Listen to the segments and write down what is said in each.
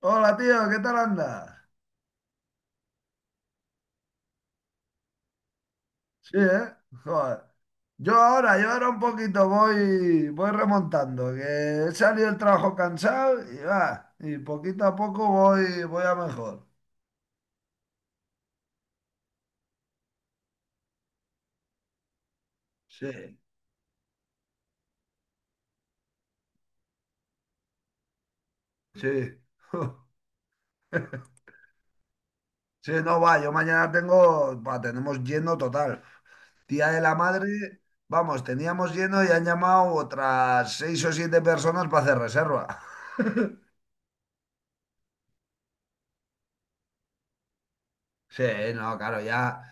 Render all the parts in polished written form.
Hola tío, ¿qué tal andas? Sí, ¿eh? Joder. Yo ahora un poquito voy remontando, que he salido del trabajo cansado y va, y poquito a poco voy a mejor. Sí, sí. Sí, no va, yo mañana tenemos lleno total. Tía de la madre, vamos, teníamos lleno y han llamado otras seis o siete personas para hacer reserva. Sí, no, claro, ya.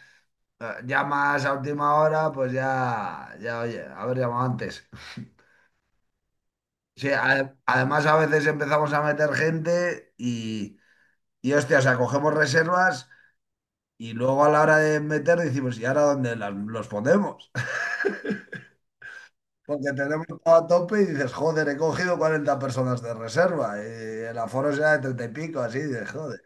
Llamas a última hora, pues ya, ya, oye, haber llamado antes. Sí, además a veces empezamos a meter gente y hostia, o sea, cogemos reservas y luego a la hora de meter decimos, ¿y ahora dónde los ponemos? Porque tenemos todo a tope y dices, joder, he cogido 40 personas de reserva y el aforo será de 30 y pico, así, de joder.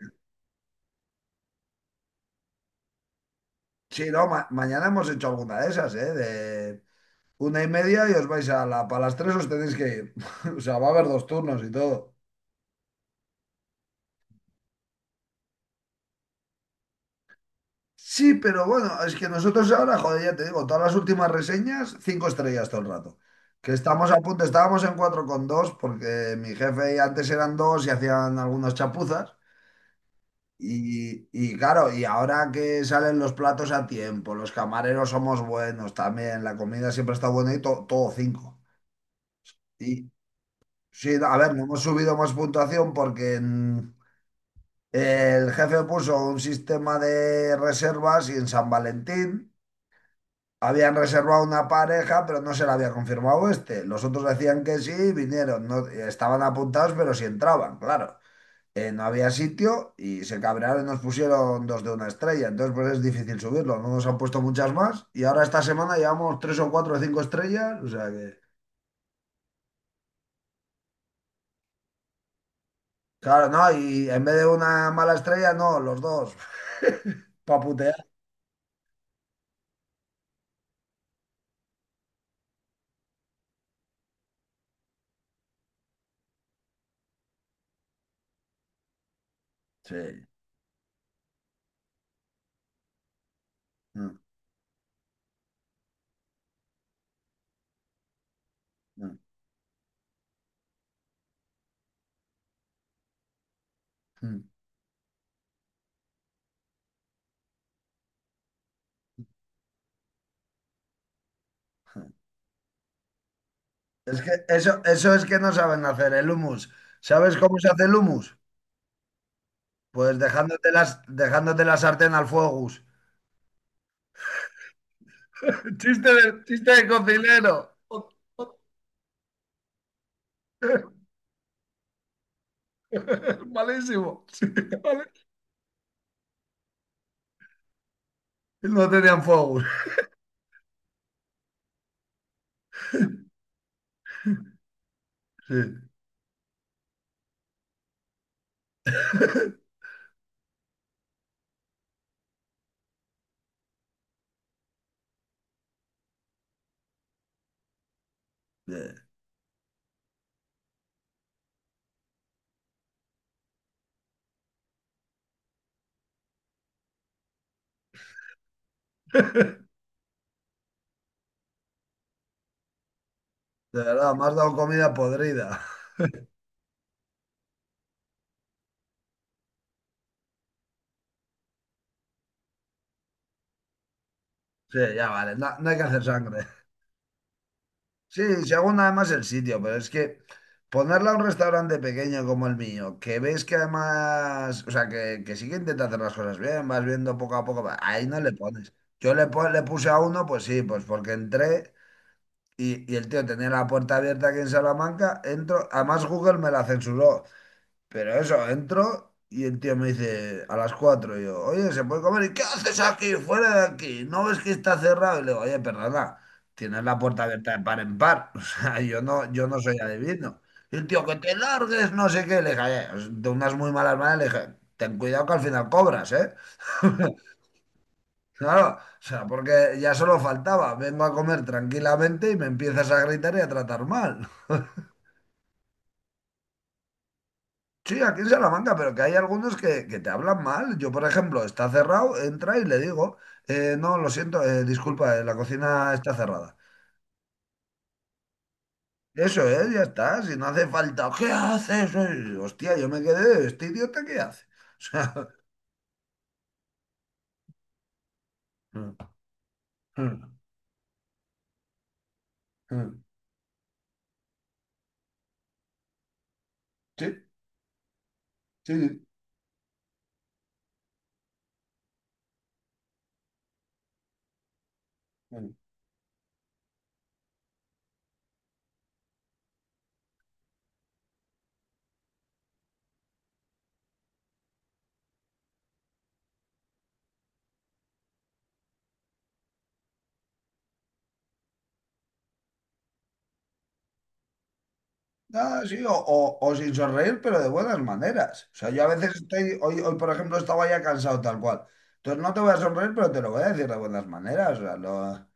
Sí, no, mañana hemos hecho alguna de esas, ¿eh? De 1:30 y os vais para las tres os tenéis que ir. O sea, va a haber dos turnos y todo. Sí, pero bueno, es que nosotros ahora, joder, ya te digo, todas las últimas reseñas, cinco estrellas todo el rato. Que estamos a punto, estábamos en 4,2 porque mi jefe antes eran dos y hacían algunas chapuzas. Y claro, y ahora que salen los platos a tiempo, los camareros somos buenos también, la comida siempre está buena y todo cinco. Y sí, a ver, no hemos subido más puntuación porque el jefe puso un sistema de reservas y en San Valentín. Habían reservado una pareja, pero no se la había confirmado este. Los otros decían que sí, vinieron, no, estaban apuntados, pero sí entraban, claro. No había sitio y se cabrearon y nos pusieron dos de una estrella. Entonces, pues es difícil subirlo. No nos han puesto muchas más. Y ahora esta semana llevamos tres o cuatro o cinco estrellas. O sea que, claro, no. Y en vez de una mala estrella, no, los dos. Pa' putear. Sí. Mm, mm, mm. Es que eso es que no saben hacer el humus. ¿Sabes cómo se hace el humus? Pues dejándote la sartén al fuego. Gus. Chiste de cocinero. Malísimo. Sí, vale. No tenían fuego. Sí. De verdad, me has dado comida podrida. Sí, ya vale, no, no hay que hacer sangre. Sí, según además el sitio, pero es que ponerla a un restaurante pequeño como el mío, que ves que además, o sea, que sí que intenta hacer las cosas bien, vas viendo poco a poco, ahí no le pones. Yo le puse a uno, pues sí, pues porque entré. Y el tío tenía la puerta abierta aquí en Salamanca, entro, además Google me la censuró, pero eso, entro y el tío me dice a las 4 y yo, oye, ¿se puede comer? ¿Y qué haces aquí? Fuera de aquí, ¿no ves que está cerrado? Y le digo, oye, perdona, tienes la puerta abierta de par en par, o sea, yo no soy adivino. Y el tío, que te largues, no sé qué, le dije, "Oye, de unas muy malas maneras, le dije, ten cuidado que al final cobras, ¿eh? Claro, o sea, porque ya solo faltaba, vengo a comer tranquilamente y me empiezas a gritar y a tratar mal. Sí, aquí en Salamanca, pero que hay algunos que te hablan mal. Yo, por ejemplo, está cerrado, entra y le digo, no, lo siento, disculpa, la cocina está cerrada. Eso es, ya está, si no hace falta, ¿qué haces? Hostia, yo me quedé, este idiota, ¿qué hace? O sea, mm, mm, mm. Sí, sí. Sí. Mm. Ah, sí, o sin sonreír, pero de buenas maneras. O sea, yo a veces estoy, hoy por ejemplo, estaba ya cansado tal cual. Entonces no te voy a sonreír, pero te lo voy a decir de buenas maneras. O sea,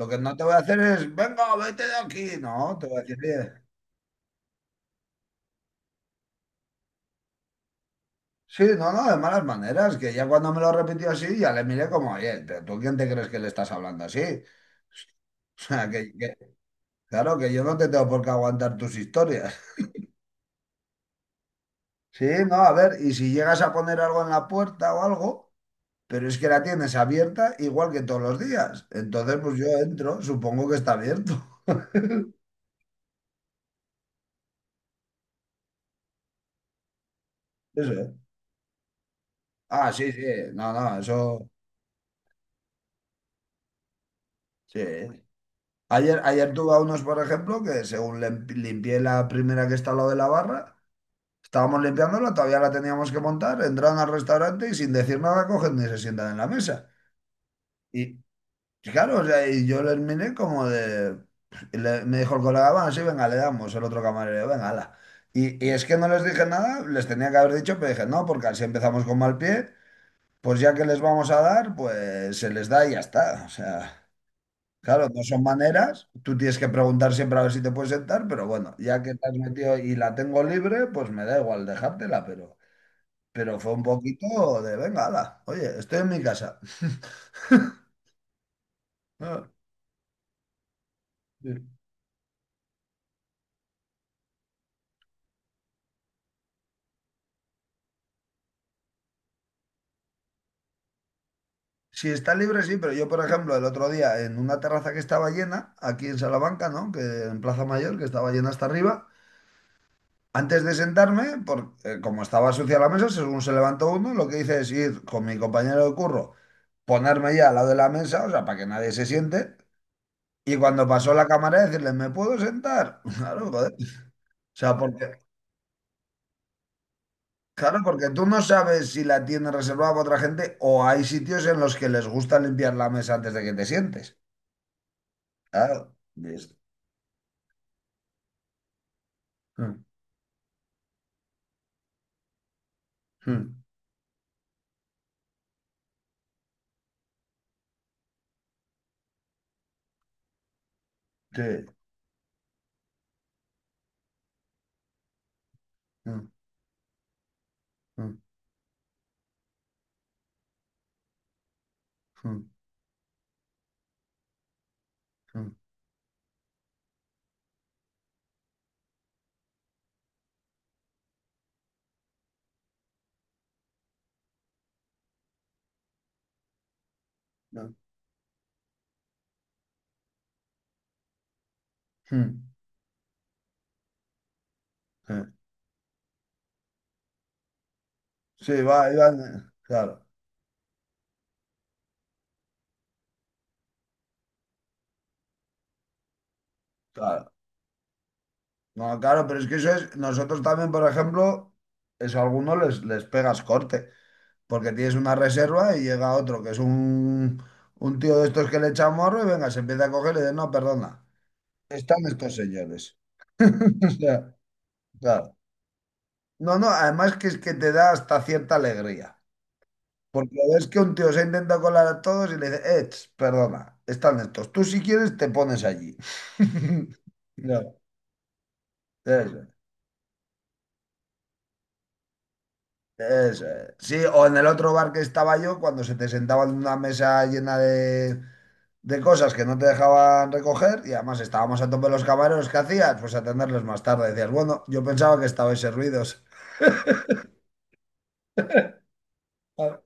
lo que no te voy a hacer es, venga, vete de aquí. No, te voy a decir, "Oye, sí, no, no, de malas maneras, que ya cuando me lo repitió así, ya le miré como, oye, pero ¿tú quién te crees que le estás hablando así? O sea, que, claro, que yo no te tengo por qué aguantar tus historias. Sí, no, a ver, y si llegas a poner algo en la puerta o algo, pero es que la tienes abierta igual que todos los días. Entonces, pues yo entro, supongo que está abierto. Eso es. Ah, sí, sí, no, no, eso, sí. Ayer tuve a unos, por ejemplo, que según limpié la primera que está al lado de la barra, estábamos limpiándola, todavía la teníamos que montar, entraron al restaurante y sin decir nada cogen y se sientan en la mesa. Y claro, o sea, y yo les miré como de, y me dijo el colega, bueno, sí, venga, le damos, el otro camarero, venga, ala. Y es que no les dije nada, les tenía que haber dicho, pero dije, no, porque así empezamos con mal pie, pues ya que les vamos a dar, pues se les da y ya está. O sea, claro, no son maneras. Tú tienes que preguntar siempre a ver si te puedes sentar, pero bueno, ya que te has metido y la tengo libre, pues me da igual dejártela, pero fue un poquito de, venga, hala, oye, estoy en mi casa. Ah, sí. Si está libre, sí, pero yo, por ejemplo, el otro día en una terraza que estaba llena, aquí en Salamanca, ¿no? Que en Plaza Mayor, que estaba llena hasta arriba. Antes de sentarme, como estaba sucia la mesa, según se levantó uno, lo que hice es ir con mi compañero de curro, ponerme ya al lado de la mesa, o sea, para que nadie se siente, y cuando pasó la cámara decirle, ¿me puedo sentar? Claro, joder. O sea, porque, claro, porque tú no sabes si la tienes reservada para otra gente o hay sitios en los que les gusta limpiar la mesa antes de que te sientes. Claro. Mm, mm, sí. Mm, mm, mm, mm, mm, mm, sí. Sí, va, iba, claro. Claro. No, claro, pero es que eso es, nosotros también, por ejemplo, eso a algunos les pegas corte, porque tienes una reserva y llega otro que es un tío de estos que le echa morro y venga, se empieza a coger y le dice, no, perdona, están estos señores. O sea, claro. No, no, además que es que te da hasta cierta alegría, porque ves que un tío se intenta colar a todos y le dice, "Ech, perdona, están estos, tú si quieres te pones allí. No, eso Eso es. Sí, o en el otro bar que estaba yo, cuando se te sentaban en una mesa llena de cosas que no te dejaban recoger y además estábamos a tope los camareros, ¿qué hacías? Pues atenderles más tarde. Decías, bueno, yo pensaba que estabais servidos. Claro,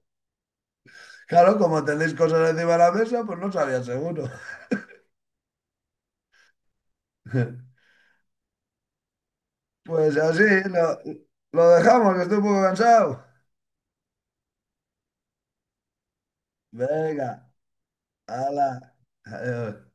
claro, como tenéis cosas encima de la mesa, pues no sabía seguro. Pues así, lo, lo dejamos, que estoy un poco cansado. Venga, hala. Adiós.